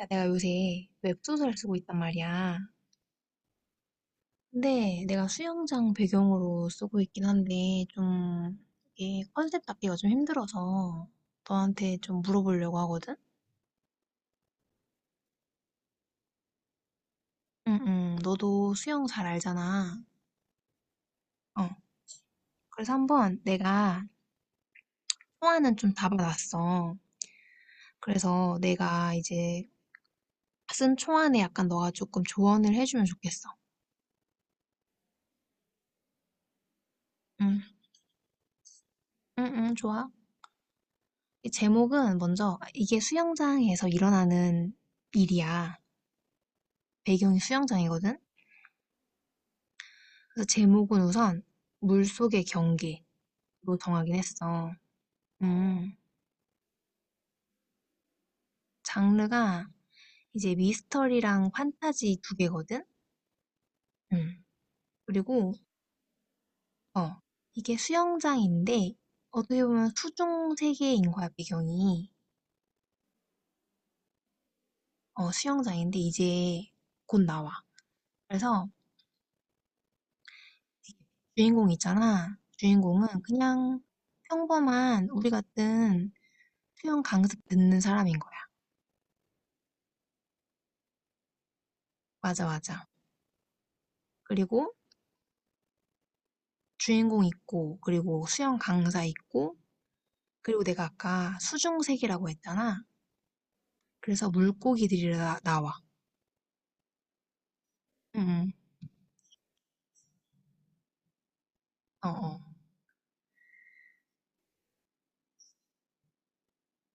야, 내가 요새 웹소설 쓰고 있단 말이야. 근데 내가 수영장 배경으로 쓰고 있긴 한데, 좀, 이게 컨셉 잡기가 좀 힘들어서 너한테 좀 물어보려고 하거든? 응, 응. 너도 수영 잘 알잖아. 어. 그래서 한번 내가 초안은 좀 잡아놨어. 그래서 내가 이제 쓴 초안에 약간 너가 조금 조언을 해주면 좋겠어. 응, 응, 응, 좋아. 이 제목은 먼저, 이게 수영장에서 일어나는 일이야. 배경이 수영장이거든? 그래서 제목은 우선 물속의 경기로 정하긴 했어. 음. 장르가 이제 미스터리랑 판타지 두 개거든? 음, 그리고, 어, 이게 수영장인데, 어떻게 보면 수중 세계인 거야, 배경이. 수영장인데, 이제 곧 나와. 그래서 주인공 있잖아. 주인공은 그냥 평범한 우리 같은 수영 강습 듣는 사람인 거야. 맞아, 맞아. 그리고 주인공 있고 그리고 수영 강사 있고 그리고 내가 아까 수중색이라고 했잖아. 그래서 물고기들이 나와. 응, 응. 어, 어.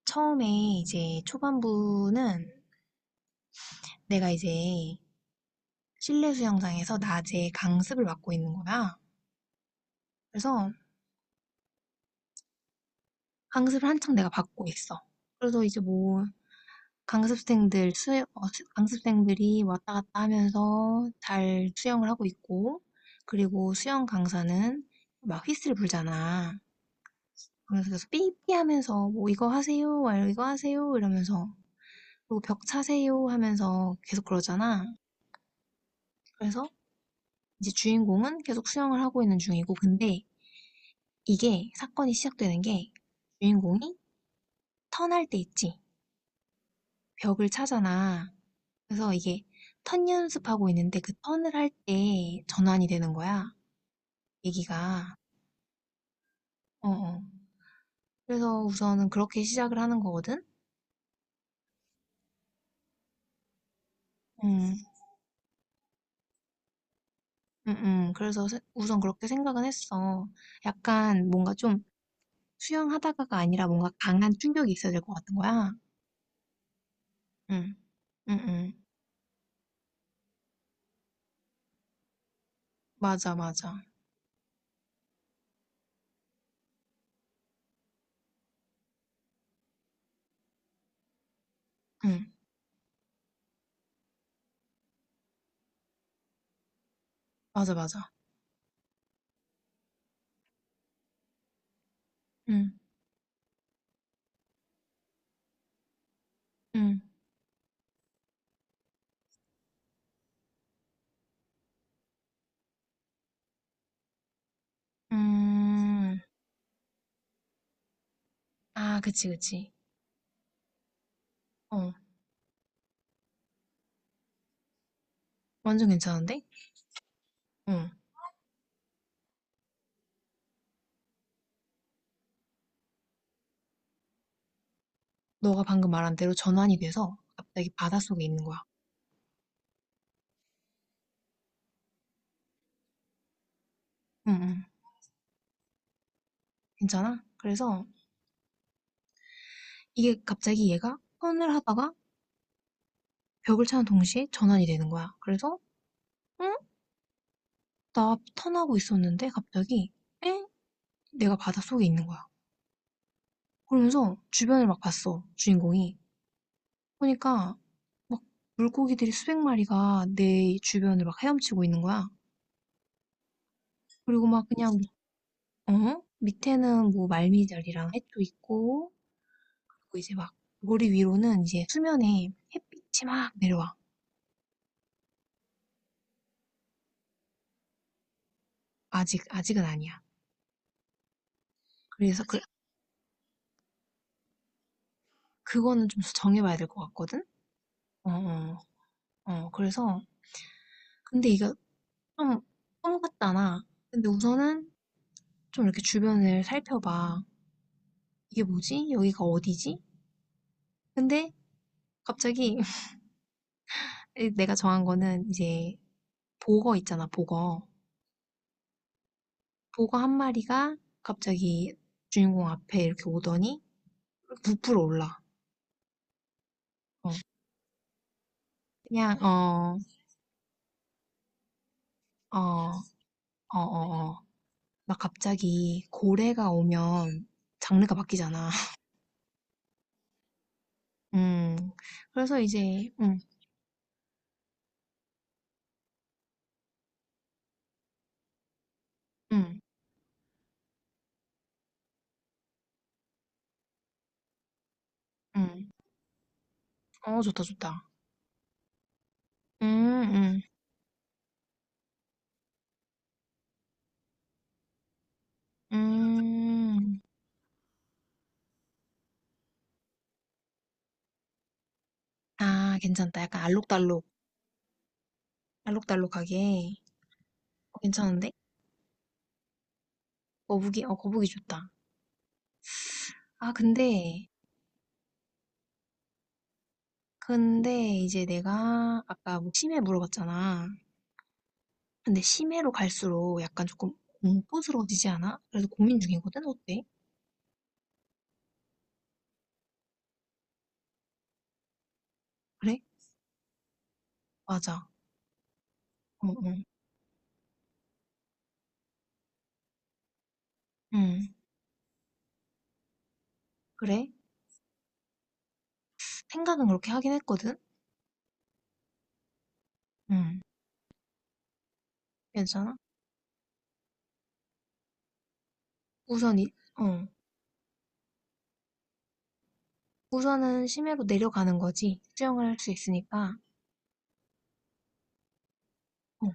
처음에 이제 초반부는 내가 이제 실내 수영장에서 낮에 강습을 받고 있는 거야. 그래서 강습을 한창 내가 받고 있어. 그래서 이제 뭐 강습생들 수 어, 강습생들이 왔다 갔다 하면서 잘 수영을 하고 있고 그리고 수영 강사는 막 휘슬 불잖아. 그래서 계속 삐삐 하면서 뭐 이거 하세요, 막 이거 하세요 이러면서 그리고 벽 차세요 하면서 계속 그러잖아. 그래서 이제 주인공은 계속 수영을 하고 있는 중이고 근데 이게 사건이 시작되는 게 주인공이 턴할 때 있지. 벽을 차잖아. 그래서 이게 턴 연습하고 있는데 그 턴을 할 때 전환이 되는 거야. 얘기가. 어, 어. 그래서 우선은 그렇게 시작을 하는 거거든? 음, 그래서 우선 그렇게 생각은 했어. 약간 뭔가 좀 수영하다가가 아니라 뭔가 강한 충격이 있어야 될 것 같은 거야. 응. 응응. 맞아, 맞아. 응. 맞아, 맞아. 응. 응. 음. 아, 그치, 그치. 어. 완전 괜찮은데? 응. 너가 방금 말한 대로 전환이 돼서 갑자기 바닷속에 있는 거야. 응응. 괜찮아? 그래서 이게 갑자기 얘가 턴을 하다가 벽을 차는 동시에 전환이 되는 거야. 그래서 응? 나 턴하고 있었는데 갑자기 엥? 내가 바닷속에 있는 거야. 그러면서 주변을 막 봤어, 주인공이. 보니까 막 물고기들이 수백 마리가 내 주변을 막 헤엄치고 있는 거야. 그리고 막 그냥, 어? 밑에는 뭐 말미잘이랑 해초 있고, 그리고 이제 막 머리 위로는 이제 수면에 햇빛이 막 내려와. 아직, 아직은 아니야. 그래서 그, 그거는 좀 정해봐야 될 것 같거든? 어, 어, 어. 그래서, 근데 이거 좀, 꿈 같잖아. 근데 우선은 좀 이렇게 주변을 살펴봐. 이게 뭐지? 여기가 어디지? 근데 갑자기 내가 정한 거는 이제 보거 있잖아, 보거. 보거 한 마리가 갑자기 주인공 앞에 이렇게 오더니 부풀어 올라. 어, 그냥 어, 어, 어, 어, 어. 막 갑자기 고래가 오면 장르가 바뀌잖아. 음. 그래서 이제 음, 음. 어, 좋다, 좋다. 음, 음, 음. 아, 괜찮다. 약간 알록달록, 알록달록하게. 어, 괜찮은데? 거북이, 어, 거북이 좋다. 아, 근데, 근데 이제 내가 아까 뭐 심해 물어봤잖아. 근데 심해로 갈수록 약간 조금 공포스러워지지 않아? 그래서 고민 중이거든? 어때? 그래? 맞아. 어, 어. 응, 그래? 생각은 그렇게 하긴 했거든? 응, 괜찮아? 우선, 이, 어. 우선은 심해로 내려가는 거지. 수영을 할 수 있으니까. 어,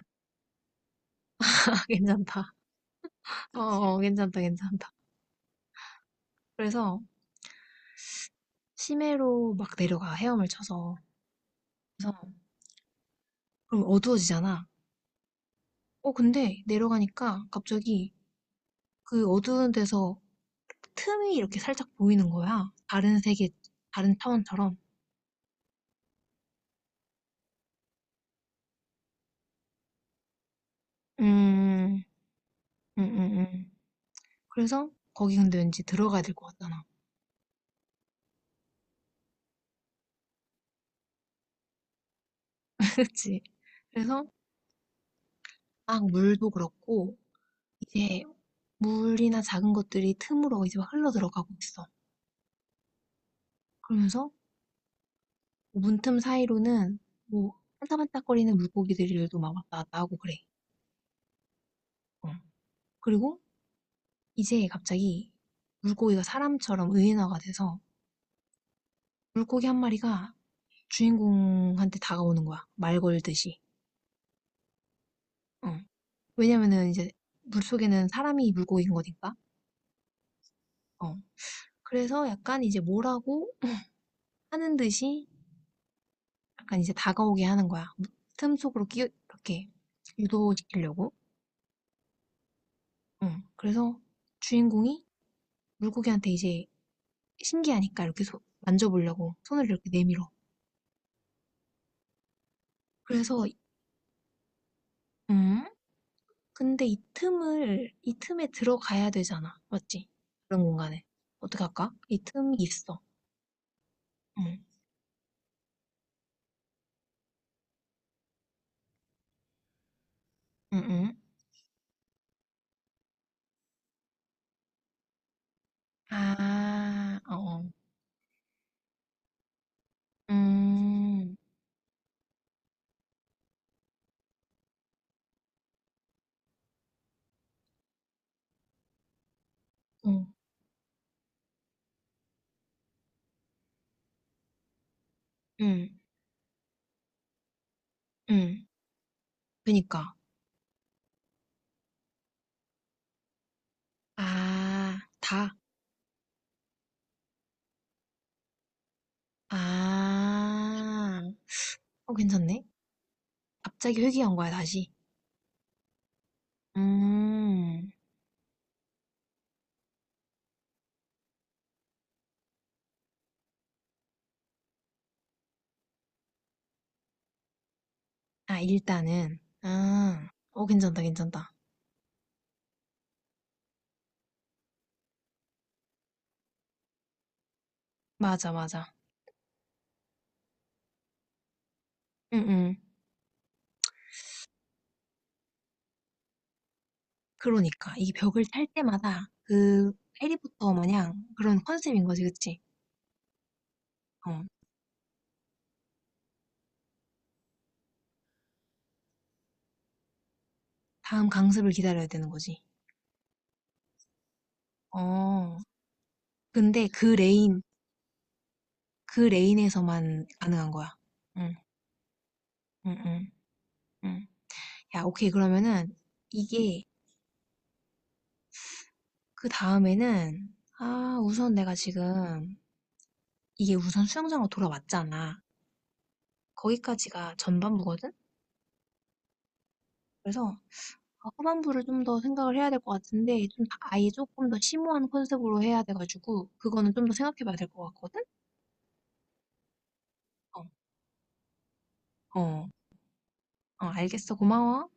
아, 괜찮다. 어, 어, 괜찮다, 괜찮다. 그래서 심해로 막 내려가, 헤엄을 쳐서. 그래서, 그럼 어두워지잖아. 어 근데 내려가니까 갑자기 그 어두운 데서 틈이 이렇게 살짝 보이는 거야. 다른 세계, 다른 차원처럼. 음, 음, 음, 음. 그래서 거기 근데 왠지 들어가야 될 것 같잖아. 그치? 그래서 막 물도 그렇고 이제 물이나 작은 것들이 틈으로 이제 막 흘러 들어가고 있어. 그러면서 문틈 사이로는 뭐 반짝반짝거리는 물고기들도 막 왔다 갔다 하고 그래. 어. 그리고 이제 갑자기 물고기가 사람처럼 의인화가 돼서 물고기 한 마리가 주인공한테 다가오는 거야. 말 걸듯이. 어. 왜냐면은 이제 물속에는 사람이 물고기인 거니까. 어. 그래서 약간 이제 뭐라고 하는 듯이 약간 이제 다가오게 하는 거야. 틈 속으로 끼 이렇게 유도시키려고. 어. 그래서 주인공이 물고기한테 이제 신기하니까 이렇게 만져보려고 손을 이렇게 내밀어. 그래서 음 근데 이 틈에 들어가야 되잖아. 맞지? 그런 공간에. 어떡할까? 이 틈이 있어. 응, 응, 응. 아, 어, 어. 음, 응, 응, 응. 그니까. 아, 다. 아, 어, 괜찮네. 갑자기 회귀한 거야, 다시. 음, 아, 일단은. 아, 어, 괜찮다, 괜찮다. 맞아, 맞아. 응, 응. 그러니까. 이 벽을 탈 때마다 그 해리포터 마냥 그런 컨셉인 거지, 그치? 어. 다음 강습을 기다려야 되는 거지. 어. 근데 그 레인, 그 레인에서만 가능한 거야. 응, 응, 응, 응. 야, 오케이. 그러면은 이게 그 다음에는 아, 우선 내가 지금 이게 우선 수영장으로 돌아왔잖아. 거기까지가 전반부거든? 그래서 후반부를 좀 더 생각을 해야 될 것 같은데 좀 아예 조금 더 심오한 컨셉으로 해야 돼 가지고 그거는 좀 더 생각해 봐야 될 것 같거든? 어. 어. 어 알겠어. 고마워.